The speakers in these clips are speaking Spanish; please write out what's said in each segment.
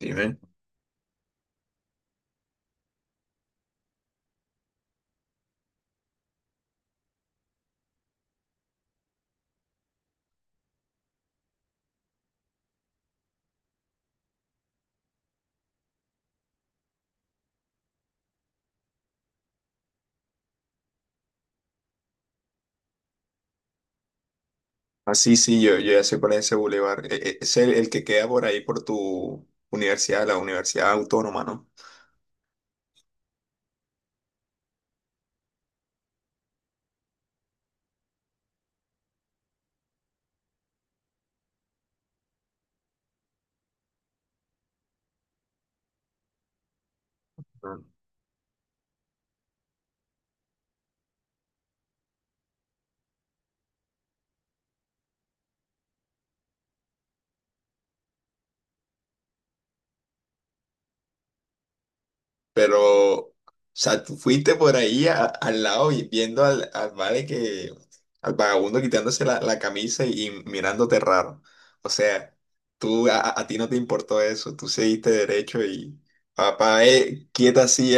Dime. Ah, sí, sí, yo ya sé cuál es ese bulevar. Es el que queda por ahí por tu universidad, la Universidad Autónoma, ¿no? Ujú. Pero, o sea, tú fuiste por ahí al lado y viendo al vale que, al vagabundo quitándose la camisa y mirándote raro. O sea, tú, a ti no te importó eso, tú seguiste derecho y, papá, quieta así.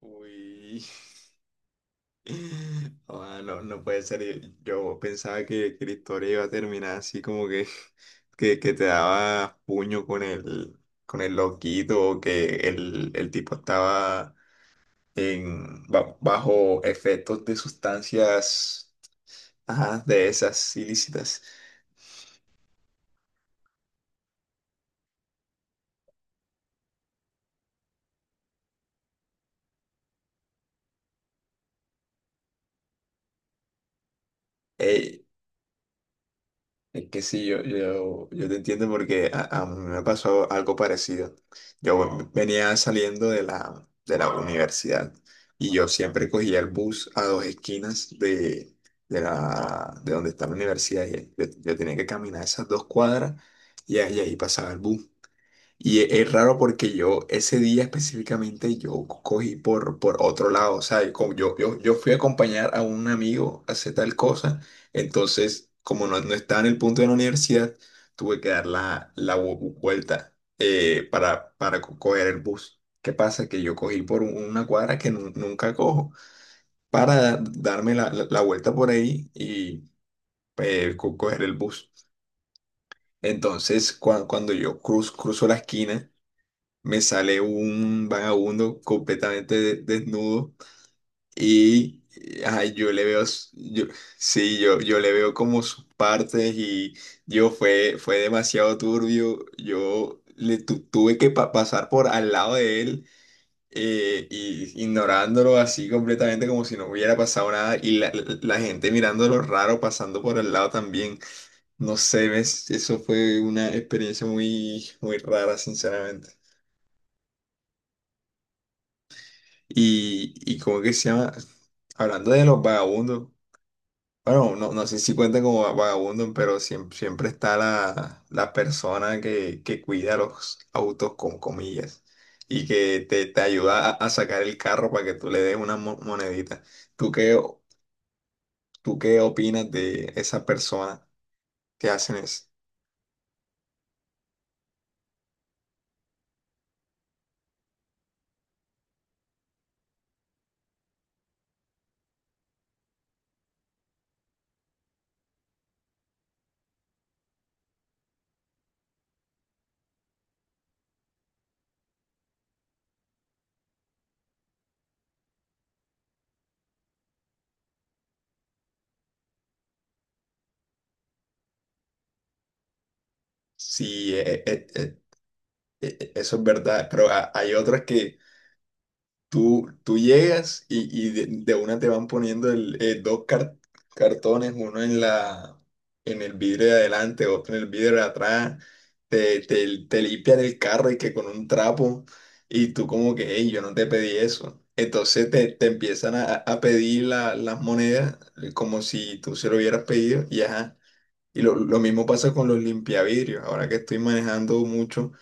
Uy. Ah, no, no puede ser. Yo pensaba que la historia iba a terminar así como que, que te daba puño con con el loquito o que el tipo estaba en, bajo efectos de sustancias, ajá, de esas ilícitas. Eh, Es que sí, yo te entiendo porque a mí me pasó algo parecido. Yo venía saliendo de de la universidad y yo siempre cogía el bus a dos esquinas de, la, de donde está la universidad. Y yo tenía que caminar esas dos cuadras y ahí pasaba el bus. Es raro porque yo ese día específicamente yo cogí por otro lado, o sea, y como yo fui a acompañar a un amigo a hacer tal cosa, entonces como no estaba en el punto de la universidad, tuve que dar la vuelta, para coger el bus. ¿Qué pasa? Que yo cogí por una cuadra que nunca cojo para darme la, la vuelta por ahí y coger el bus. Entonces, cuando yo cruzo la esquina, me sale un vagabundo completamente desnudo y ajá, yo le veo, s- yo, sí, yo le veo como sus partes y fue demasiado turbio, yo le tuve que pasar por al lado de él. Y ignorándolo así completamente como si no hubiera pasado nada y la, la gente mirándolo raro pasando por al lado también. No sé, ves, eso fue una experiencia muy, muy rara, sinceramente. Y como que se llama, hablando de los vagabundos, bueno, no sé si cuentan como vagabundos, pero siempre, siempre está la persona que cuida los autos con comillas y que te ayuda a sacar el carro para que tú le des una monedita. ¿Tú qué, tú qué opinas de esa persona que hacen eso? Sí, eso es verdad, pero hay otras que... Tú llegas y de una te van poniendo el, dos cartones, uno en la, en el vidrio de adelante, otro en el vidrio de atrás, te limpian el carro y que con un trapo, y tú como que, hey, yo no te pedí eso. Entonces te empiezan a pedir las monedas, como si tú se lo hubieras pedido, y ajá. Y lo mismo pasa con los limpiavidrios. Ahora que estoy manejando mucho,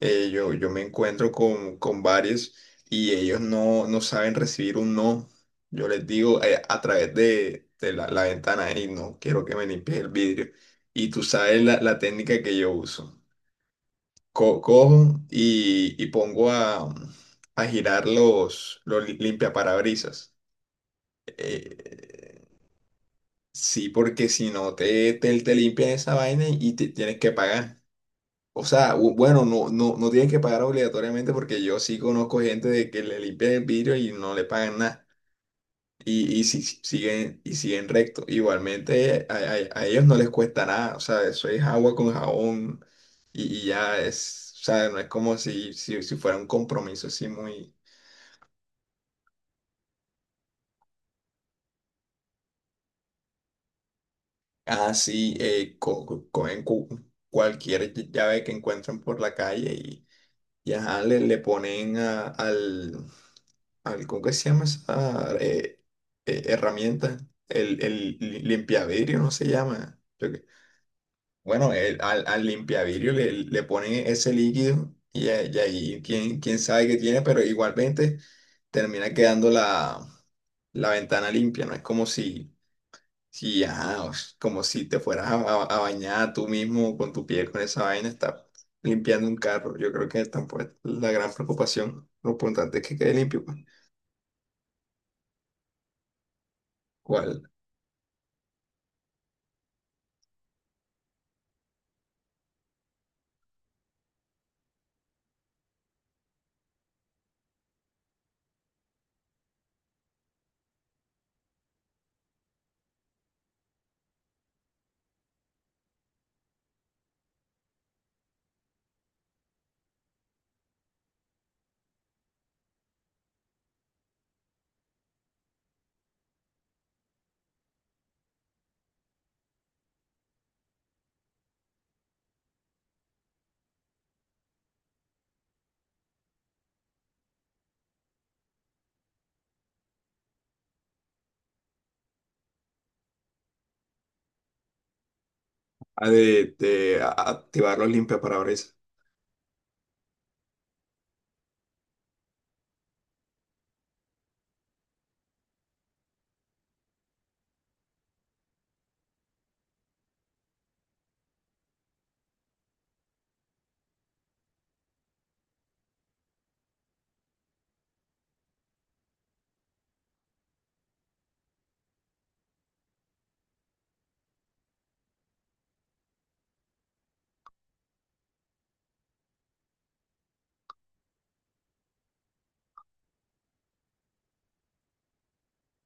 yo me encuentro con varios y ellos no saben recibir un no. Yo les digo, a través de la ventana, y no, quiero que me limpies el vidrio. Y tú sabes la técnica que yo uso. Cojo y pongo a girar los limpiaparabrisas. Eh, sí, porque si no te limpian esa vaina y te tienes que pagar. O sea, bueno, no tienen que pagar obligatoriamente porque yo sí conozco gente de que le limpian el vidrio y no le pagan nada. Y si, siguen, y siguen recto. Igualmente a ellos no les cuesta nada. O sea, eso es agua con jabón y ya es, o sea, no es como si, si, si fuera un compromiso así muy así, cogen cualquier llave que encuentren por la calle y ajá, le ponen al... ¿Cómo que se llama esa, herramienta? Limpiavidrio no se llama. Yo que-... Bueno, al limpiavidrio le ponen ese líquido y, y ahí quién, quién sabe qué tiene, pero igualmente termina quedando la, la ventana limpia. No es como si, si ajá, como si te fueras a, a bañar tú mismo con tu piel con esa vaina, está limpiando un carro. Yo creo que tampoco es la gran preocupación. Lo importante es que quede limpio, pues. ¿Cuál? Activar los limpiaparabrisas.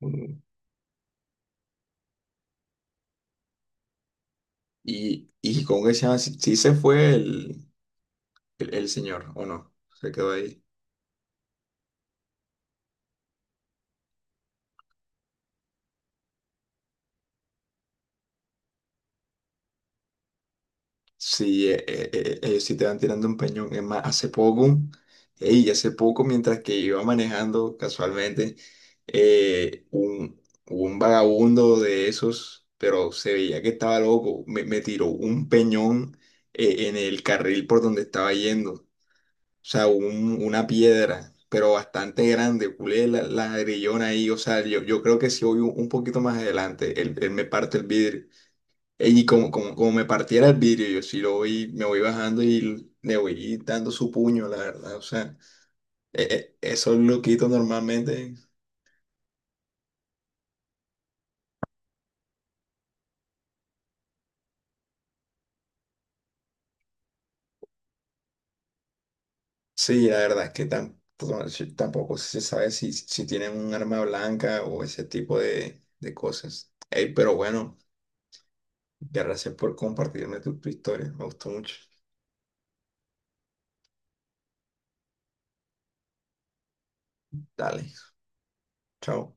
Mm. Con ese, ah, sí, sí se fue el señor, ¿o no? Se quedó ahí. Sí, ellos sí te van tirando un peñón. Es más, hace poco, ey, hace poco, mientras que iba manejando casualmente, eh, un, un vagabundo de esos, pero se veía que estaba loco, me tiró un peñón, en el carril por donde estaba yendo. O sea, una piedra, pero bastante grande, culé la, la grillona ahí, o sea, yo creo que si voy un poquito más adelante, él me parte el vidrio. Ey, y como me partiera el vidrio, yo sí lo voy, me voy bajando y le voy dando su puño, la verdad, o sea, esos loquitos normalmente... Sí, la verdad es que sí, tampoco se sabe si, si tienen un arma blanca o ese tipo de cosas. Ey, pero bueno, gracias por compartirme tu tu historia, me gustó mucho, dale. Chao.